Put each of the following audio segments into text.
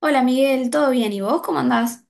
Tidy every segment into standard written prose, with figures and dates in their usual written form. Hola Miguel, ¿todo bien? ¿Y vos cómo andás?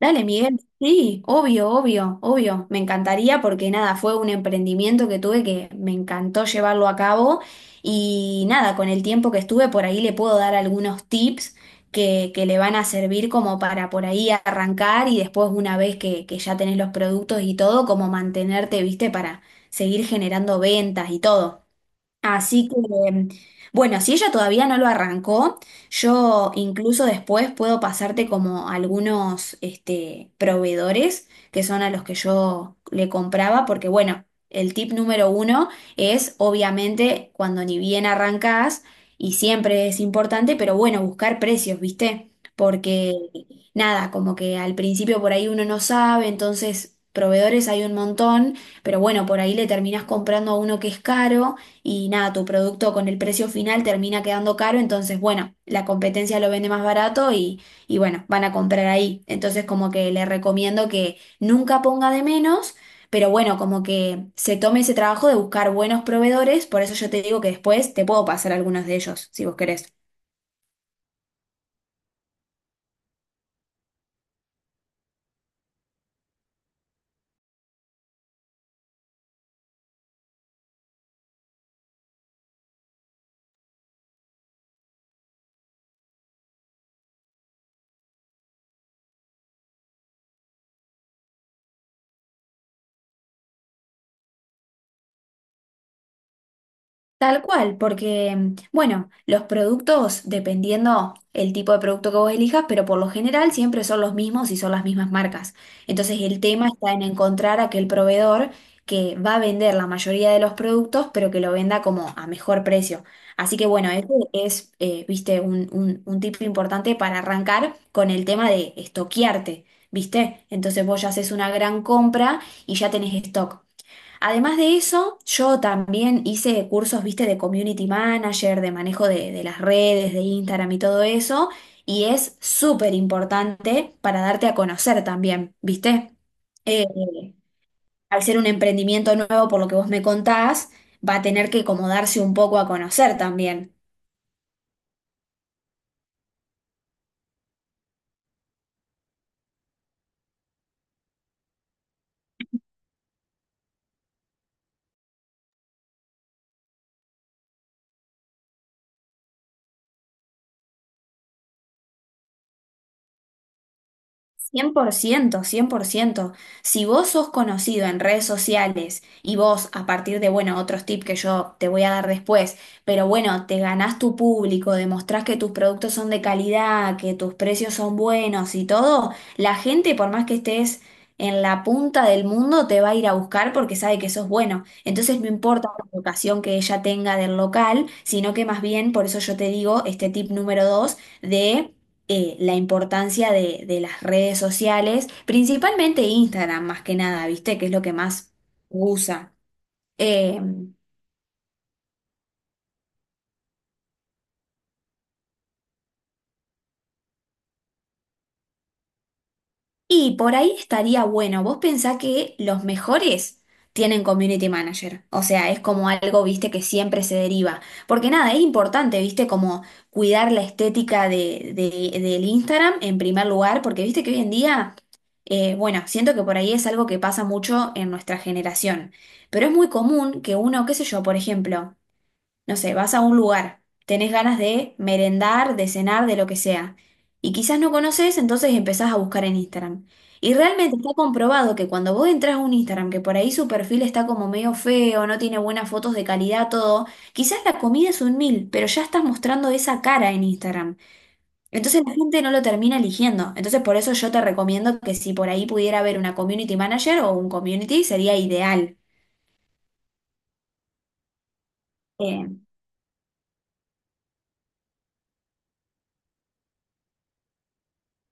Dale, Miguel. Sí, obvio, obvio, obvio. Me encantaría porque nada, fue un emprendimiento que tuve que me encantó llevarlo a cabo y nada, con el tiempo que estuve por ahí le puedo dar algunos tips que le van a servir como para por ahí arrancar y después una vez que ya tenés los productos y todo, como mantenerte, viste, para seguir generando ventas y todo. Así que, em, bueno, si ella todavía no lo arrancó, yo incluso después puedo pasarte como algunos este, proveedores que son a los que yo le compraba, porque bueno, el tip número uno es obviamente cuando ni bien arrancás, y siempre es importante, pero bueno, buscar precios, ¿viste? Porque nada, como que al principio por ahí uno no sabe, entonces proveedores hay un montón, pero bueno, por ahí le terminás comprando a uno que es caro y nada, tu producto con el precio final termina quedando caro, entonces bueno, la competencia lo vende más barato y bueno, van a comprar ahí. Entonces como que le recomiendo que nunca ponga de menos, pero bueno, como que se tome ese trabajo de buscar buenos proveedores, por eso yo te digo que después te puedo pasar algunos de ellos, si vos querés. Tal cual, porque, bueno, los productos, dependiendo el tipo de producto que vos elijas, pero por lo general siempre son los mismos y son las mismas marcas. Entonces el tema está en encontrar aquel proveedor que va a vender la mayoría de los productos, pero que lo venda como a mejor precio. Así que bueno, ese es, viste, un tip importante para arrancar con el tema de estoquearte, ¿viste? Entonces vos ya haces una gran compra y ya tenés stock. Además de eso, yo también hice cursos, viste, de community manager, de manejo de las redes, de Instagram y todo eso, y es súper importante para darte a conocer también, viste. Eh, Al ser un emprendimiento nuevo, por lo que vos me contás, va a tener que como darse un poco a conocer también. 100%, 100%. Si vos sos conocido en redes sociales y vos, a partir de, bueno, otros tips que yo te voy a dar después, pero bueno, te ganás tu público, demostrás que tus productos son de calidad, que tus precios son buenos y todo, la gente, por más que estés en la punta del mundo, te va a ir a buscar porque sabe que sos bueno. Entonces no importa la vocación que ella tenga del local, sino que más bien, por eso yo te digo, este tip número dos, de la importancia de las redes sociales, principalmente Instagram más que nada, ¿viste? Que es lo que más usa. Em, Y por ahí estaría bueno. Vos pensás que los mejores tienen community manager. O sea, es como algo, viste, que siempre se deriva. Porque nada, es importante, viste, como cuidar la estética de- del Instagram en primer lugar. Porque viste que hoy en día, bueno, siento que por ahí es algo que pasa mucho en nuestra generación. Pero es muy común que uno, qué sé yo, por ejemplo. No sé, vas a un lugar, tenés ganas de merendar, de cenar, de lo que sea. Y quizás no conoces, entonces empezás a buscar en Instagram. Y realmente está comprobado que cuando vos entras a un Instagram, que por ahí su perfil está como medio feo, no tiene buenas fotos de calidad, todo, quizás la comida es un mil, pero ya estás mostrando esa cara en Instagram. Entonces la gente no lo termina eligiendo. Entonces por eso yo te recomiendo que si por ahí pudiera haber una community manager o un community, sería ideal. Eh,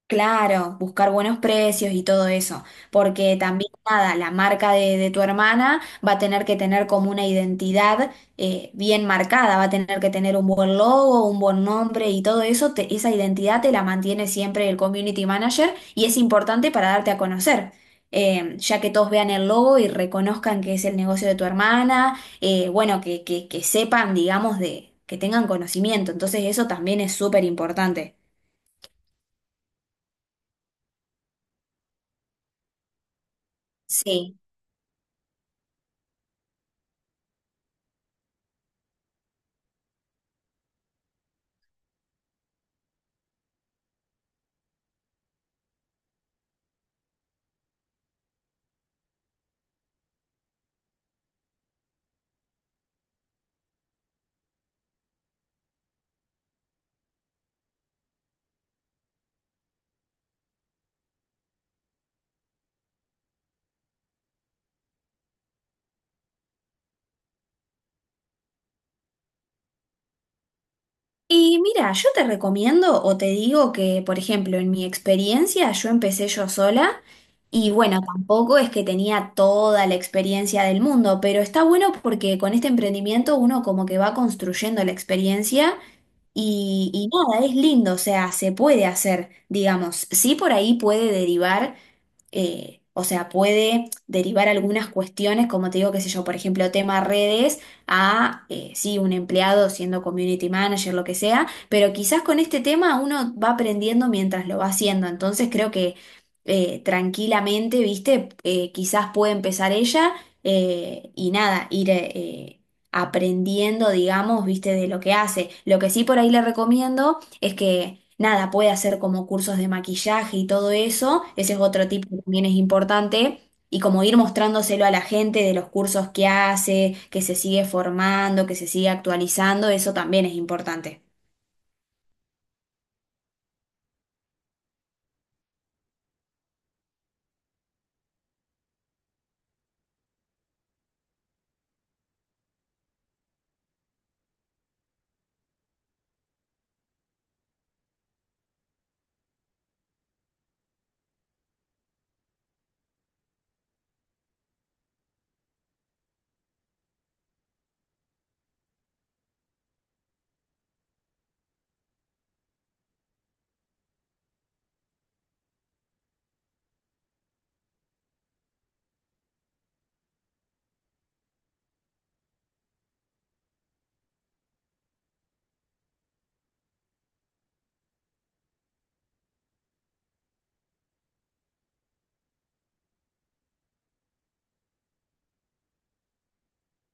Claro, buscar buenos precios y todo eso, porque también nada, la marca de tu hermana va a tener que tener como una identidad bien marcada, va a tener que tener un buen logo, un buen nombre y todo eso, te- esa identidad te la mantiene siempre el community manager y es importante para darte a conocer, ya que todos vean el logo y reconozcan que es el negocio de tu hermana, bueno, que sepan, digamos, de, que tengan conocimiento, entonces eso también es súper importante. Sí. Y mira, yo te recomiendo o te digo que, por ejemplo, en mi experiencia yo empecé yo sola y bueno, tampoco es que tenía toda la experiencia del mundo, pero está bueno porque con este emprendimiento uno como que va construyendo la experiencia y nada, es lindo, o sea, se puede hacer, digamos, sí por ahí puede derivar, o sea, puede derivar algunas cuestiones, como te digo, qué sé yo, por ejemplo, tema redes, a, sí, un empleado siendo community manager, lo que sea, pero quizás con este tema uno va aprendiendo mientras lo va haciendo, entonces creo que tranquilamente, viste. Quizás puede empezar ella y nada, ir... aprendiendo, digamos, viste, de lo que hace. Lo que sí por ahí le recomiendo es que, nada, puede hacer como cursos de maquillaje y todo eso. Ese es otro tip que también es importante. Y como ir mostrándoselo a la gente de los cursos que hace, que se sigue formando, que se sigue actualizando, eso también es importante.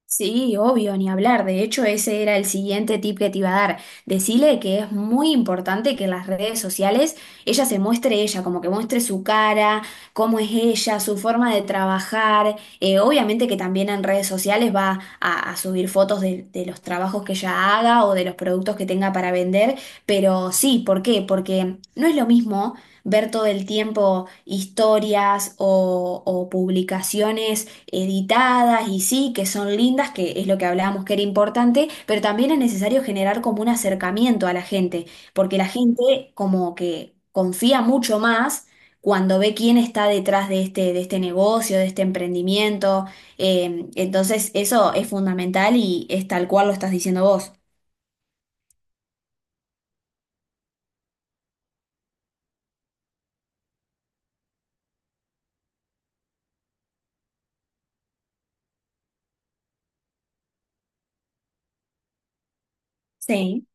Sí, obvio, ni hablar. De hecho, ese era el siguiente tip que te iba a dar. Decile que es muy importante que en las redes sociales ella se muestre ella, como que muestre su cara, cómo es ella, su forma de trabajar. Obviamente que también en redes sociales va a subir fotos de los trabajos que ella haga o de los productos que tenga para vender, pero sí, ¿por qué? Porque no es lo mismo ver todo el tiempo historias o publicaciones editadas y sí, que son lindas, que es lo que hablábamos que era importante, pero también es necesario generar como un acercamiento a la gente, porque la gente como que confía mucho más cuando ve quién está detrás de este negocio, de este emprendimiento. Entonces eso es fundamental y es tal cual lo estás diciendo vos. Sí,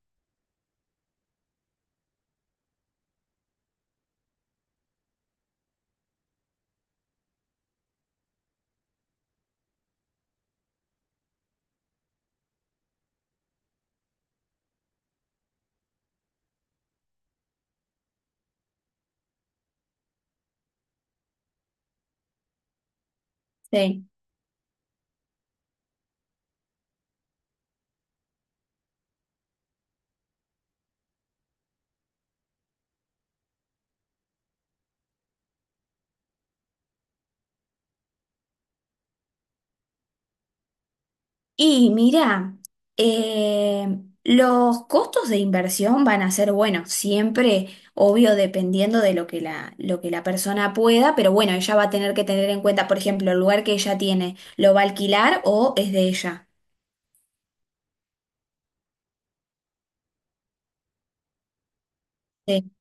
sí. Y mira, eh, los costos de inversión van a ser, bueno, siempre, obvio, dependiendo de lo que la persona pueda, pero bueno, ella va a tener que tener en cuenta, por ejemplo, el lugar que ella tiene, ¿lo va a alquilar o es de ella? Sí.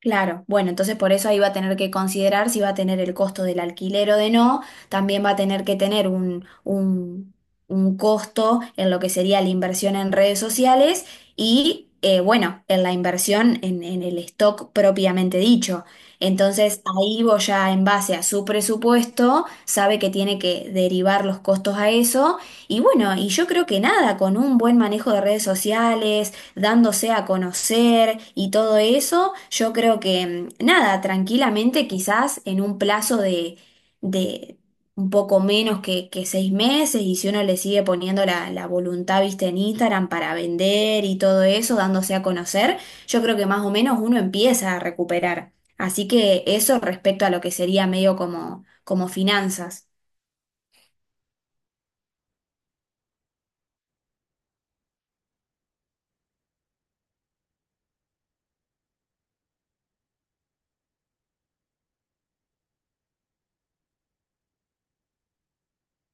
Claro, bueno, entonces por eso ahí va a tener que considerar si va a tener el costo del alquiler o de no, también va a tener que tener un costo en lo que sería la inversión en redes sociales y, bueno, en la inversión en el stock propiamente dicho. Entonces ahí vos ya en base a su presupuesto sabe que tiene que derivar los costos a eso y bueno, y yo creo que nada, con un buen manejo de redes sociales dándose a conocer y todo eso, yo creo que nada, tranquilamente quizás en un plazo de un poco menos que 6 meses y si uno le sigue poniendo la, la voluntad, viste, en Instagram para vender y todo eso, dándose a conocer, yo creo que más o menos uno empieza a recuperar. Así que eso respecto a lo que sería medio como, como finanzas.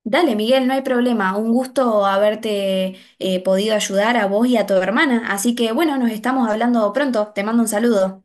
Dale, Miguel, no hay problema. Un gusto haberte podido ayudar a vos y a tu hermana. Así que bueno, nos estamos hablando pronto. Te mando un saludo.